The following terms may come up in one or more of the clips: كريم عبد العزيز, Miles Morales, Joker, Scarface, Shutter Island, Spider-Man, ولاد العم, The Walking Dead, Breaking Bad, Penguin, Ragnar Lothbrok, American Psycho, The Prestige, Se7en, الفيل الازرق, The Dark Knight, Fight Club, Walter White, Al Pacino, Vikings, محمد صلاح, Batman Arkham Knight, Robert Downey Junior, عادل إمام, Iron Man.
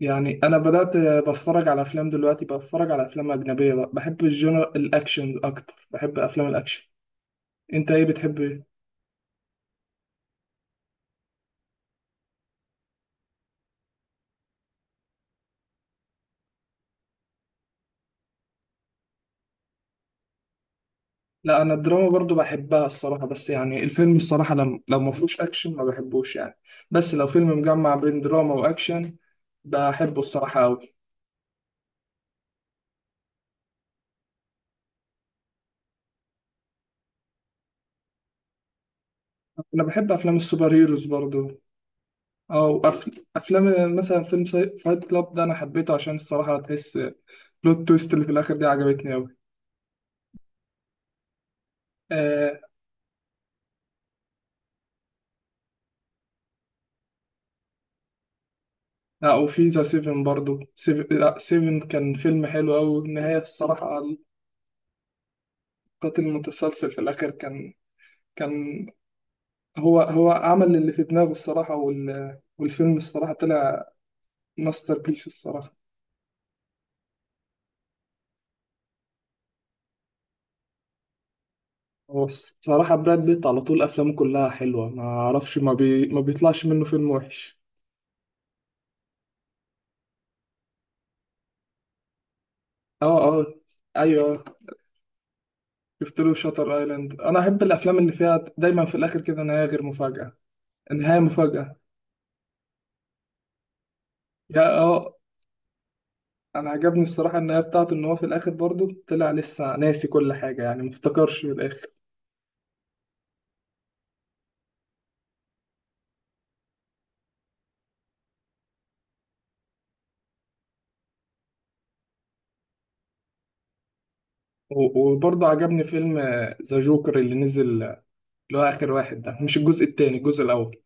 يعني انا بدات بتفرج على افلام دلوقتي، بتفرج على افلام اجنبيه بقى. بحب الجنر الاكشن اكتر، بحب افلام الاكشن. انت ايه بتحب ايه؟ لا انا الدراما برضو بحبها الصراحه، بس يعني الفيلم الصراحه لما لو ما فيهوش اكشن ما بحبوش يعني. بس لو فيلم مجمع بين دراما واكشن بحبه الصراحه قوي. انا بحب افلام السوبر هيروز برضو. او افلام مثلا فيلم فايت كلاب ده، انا حبيته عشان الصراحه تحس. بلوت تويست اللي في الاخر دي عجبتني قوي. لا، وفي ذا سيفن برضو، سيف... لا سيفن كان فيلم حلو أوي النهاية الصراحة. القاتل المتسلسل في الآخر كان هو عمل اللي في دماغه الصراحة، والفيلم الصراحة طلع ماستر بيس الصراحة. هو الصراحة براد بيت على طول أفلامه كلها حلوة، ما أعرفش ما بيطلعش منه فيلم وحش. اه، اه، ايوه. شفت له شاتر ايلاند، انا احب الافلام اللي فيها دايما في الاخر كده نهايه غير مفاجاه، نهايه مفاجاه. يا اه، انا عجبني الصراحه النهايه بتاعته، ان هو في الاخر برضه طلع لسه ناسي كل حاجه، يعني مفتكرش في الاخر. وبرضه عجبني فيلم ذا جوكر اللي نزل، اللي هو اخر واحد ده، مش الجزء التاني، الجزء الاول.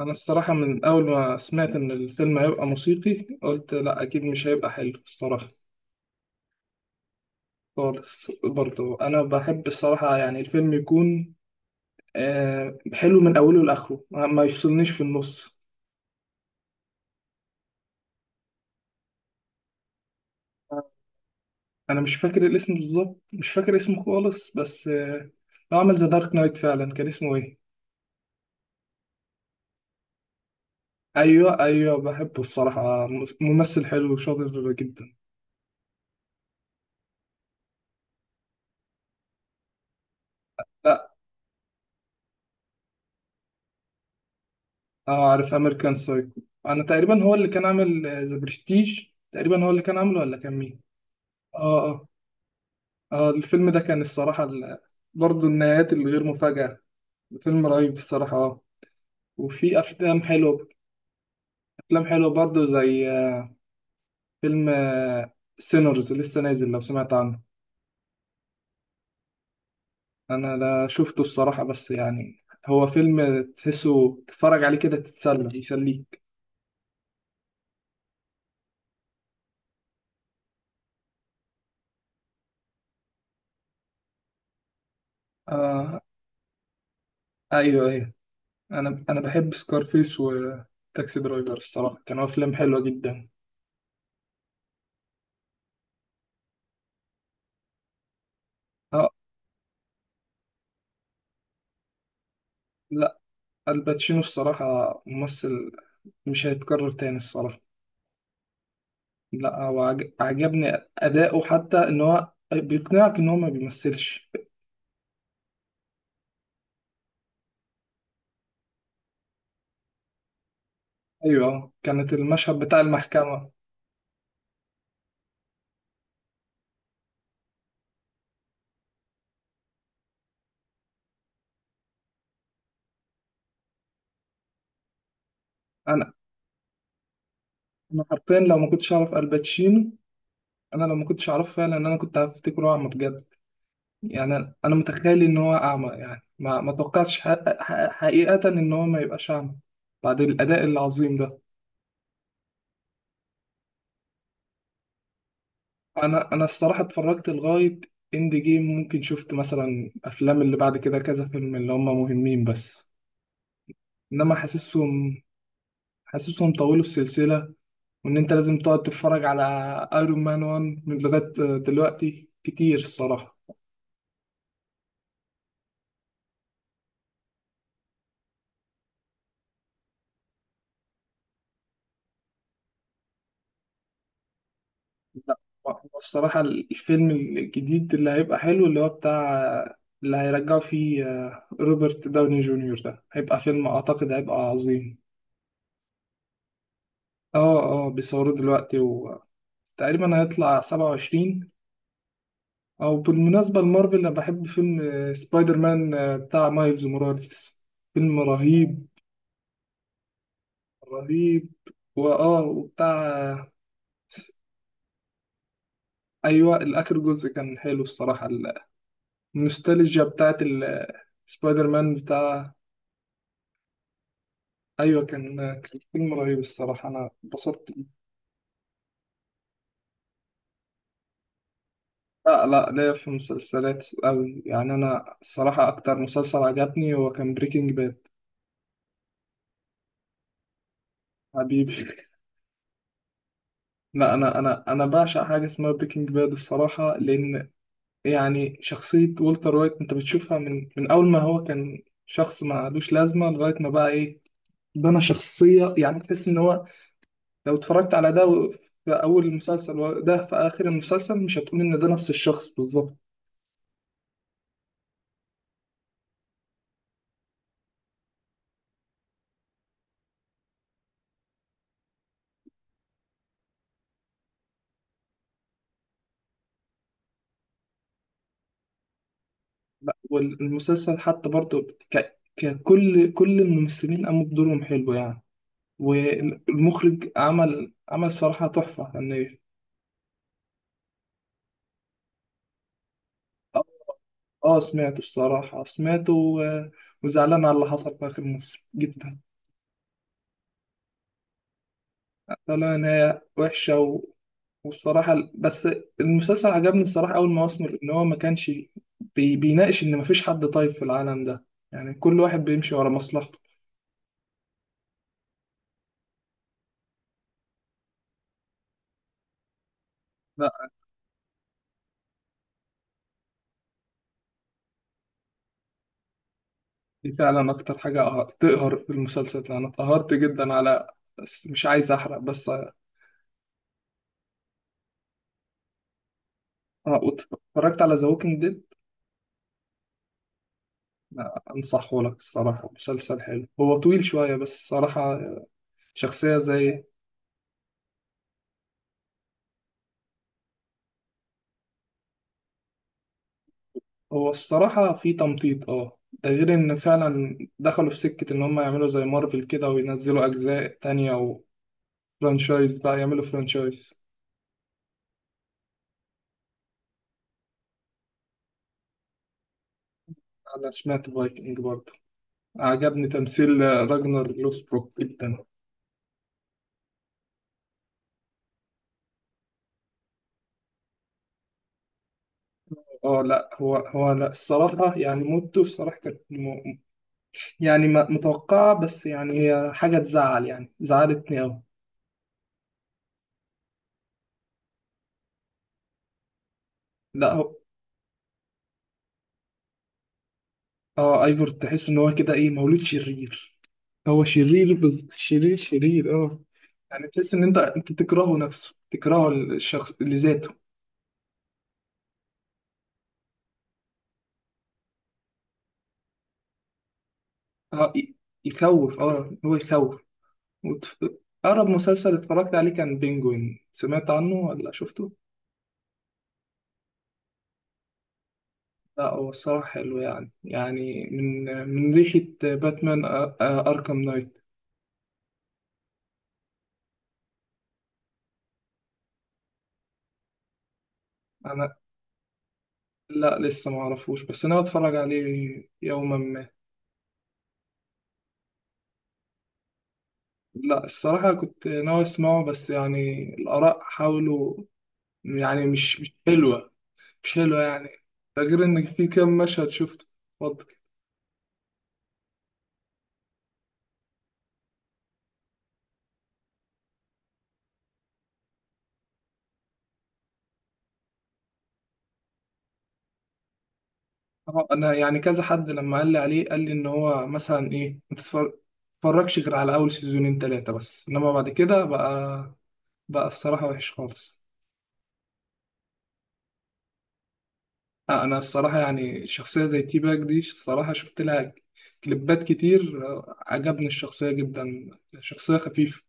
انا الصراحه من اول ما سمعت ان الفيلم هيبقى موسيقي قلت لا اكيد مش هيبقى حلو الصراحه. خالص برضه انا بحب الصراحه يعني الفيلم يكون حلو من اوله لاخره، ما يفصلنيش في النص. انا مش فاكر الاسم بالظبط، مش فاكر اسمه خالص، بس هو عمل ذا دارك نايت فعلا، كان اسمه ايه. ايوه ايوه، بحبه الصراحه، ممثل حلو وشاطر جدا. لا، اه، عارف امريكان سايكو. انا تقريبا هو اللي كان عامل ذا برستيج، تقريبا هو اللي كان عامله، ولا كان مين. اه اه، اه الفيلم ده كان الصراحه برضه النهايات الغير مفاجاه، فيلم رهيب الصراحه، اه. وفي افلام حلوه، افلام حلوه برضه زي فيلم سينرز لسه نازل، لو سمعت عنه. انا لا شفته الصراحة، بس يعني هو فيلم تحسه تتفرج عليه كده تتسلى، يسليك. آه، ايوه ايوه. انا بحب سكارفيس وتاكسي درايفر الصراحة، كانوا افلام حلوة جدا. اه. لا الباتشينو الصراحة ممثل مش هيتكرر تاني الصراحة. لا هو عجبني أداؤه، حتى إن هو بيقنعك إن هو ما بيمثلش. أيوه كانت المشهد بتاع المحكمة. أنا أنا حرفيا لو ما كنتش أعرف الباتشينو، انا لو ما كنتش اعرفه فعلا ان انا كنت هفتكره اعمى بجد. يعني انا متخيل ان هو اعمى، يعني ما توقعتش حقيقة ان هو ما يبقاش اعمى بعد الاداء العظيم ده. انا الصراحة اتفرجت لغاية اند جيم، ممكن شفت مثلا افلام اللي بعد كده كذا فيلم اللي هم مهمين، بس انما حاسسهم طولوا السلسلة، وان انت لازم تقعد تتفرج على ايرون مان 1 من لغاية دلوقتي كتير الصراحة. لا هو الصراحة الفيلم الجديد اللي هيبقى حلو، اللي هو بتاع اللي هيرجعوا فيه روبرت داوني جونيور، ده هيبقى فيلم أعتقد هيبقى عظيم. اه اه، بيصوروه دلوقتي وتقريبا هيطلع 27. أو بالمناسبة لمارفل أنا بحب فيلم سبايدر مان بتاع مايلز موراليس، فيلم رهيب، رهيب. وبتاع س- أيوة الآخر جزء كان حلو الصراحة، النوستالجيا بتاعت سبايدر مان. ايوه كان فيلم رهيب الصراحه، انا اتبسطت. لا لا، ليا في مسلسلات قوي يعني. انا الصراحه اكتر مسلسل عجبني هو كان بريكنج باد. حبيبي لا انا انا بعشق حاجه اسمها بريكنج باد الصراحه، لان يعني شخصيه والتر وايت انت بتشوفها من اول ما هو كان شخص ما لوش لازمه لغايه ما بقى ايه، بنى شخصيه. يعني تحس ان هو لو اتفرجت على ده في اول المسلسل، وده في اخر المسلسل، مش هتقول ان ده نفس الشخص بالظبط. لا، والمسلسل حتى برضو ك... ككل كل الممثلين قاموا بدورهم حلو يعني، والمخرج عمل صراحة تحفة يعني. اه، سمعته الصراحة، وزعلان على اللي حصل في آخر مصر جدا. طلع نهاية وحشة، والصراحة بس المسلسل عجبني الصراحة أول ما أسمر إن هو ما كانش بيناقش إن مفيش حد طيب في العالم ده، يعني كل واحد بيمشي ورا مصلحته. دي فعلا اكتر حاجة تقهر في المسلسل، انا اتقهرت جدا على، بس مش عايز احرق، بس اه. وت- اتفرجت على ذا ووكينج ديد، انصحه لك الصراحة مسلسل حلو، هو طويل شوية بس الصراحة شخصية زي. هو الصراحة في تمطيط اه، ده غير ان فعلا دخلوا في سكة ان هم يعملوا زي مارفل كده وينزلوا اجزاء تانية وفرانشايز بقى، يعملوا فرانشايز. انا سمعت فايكنج برضه، عجبني تمثيل راجنر لوسبروك جدا. اه لا هو، لا الصراحة يعني موته الصراحة كانت يعني متوقعة، بس يعني هي حاجة تزعل يعني، زعلتني أوي. لا هو اه ايفور تحس ان هو كده ايه، مولود شرير. هو شرير شرير شرير اه، يعني تحس ان انت تكرهه نفسه، تكرهه الشخص لذاته. اه يخوف، اه هو يخوف. وت... اقرب مسلسل اتفرجت عليه كان بينجوين، سمعت عنه ولا شفته؟ لا هو الصراحة حلو يعني، يعني من ريحة باتمان أركام نايت. أنا لا لسه ما أعرفوش، بس أنا بتفرج عليه يوما ما. لا الصراحة كنت ناوي أسمعه، بس يعني الآراء حاولوا يعني، مش حلوة، مش حلوة يعني، ده غير إن في كام مشهد شفته. اتفضل. أنا يعني كذا حد لما قال لي عليه قال لي إن هو مثلا إيه ما تتفر- تتفرجش غير على أول سيزونين تلاتة بس، إنما بعد كده بقى الصراحة وحش خالص. انا الصراحه يعني شخصيه زي تي باك دي، الصراحه شفت لها كليبات كتير، عجبني الشخصيه جدا، شخصيه خفيفه.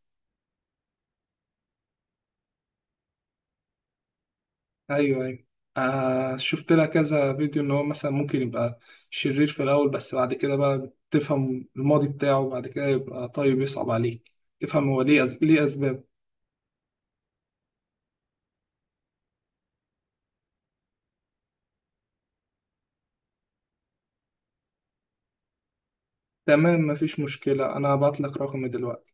ايوه ايوه، آه شفت لها كذا فيديو ان هو مثلا ممكن يبقى شرير في الاول، بس بعد كده بقى تفهم الماضي بتاعه، بعد كده يبقى طيب يصعب عليك تفهم هو ليه، ليه اسباب. تمام مفيش مشكله، انا هبعت لك رقمي دلوقتي.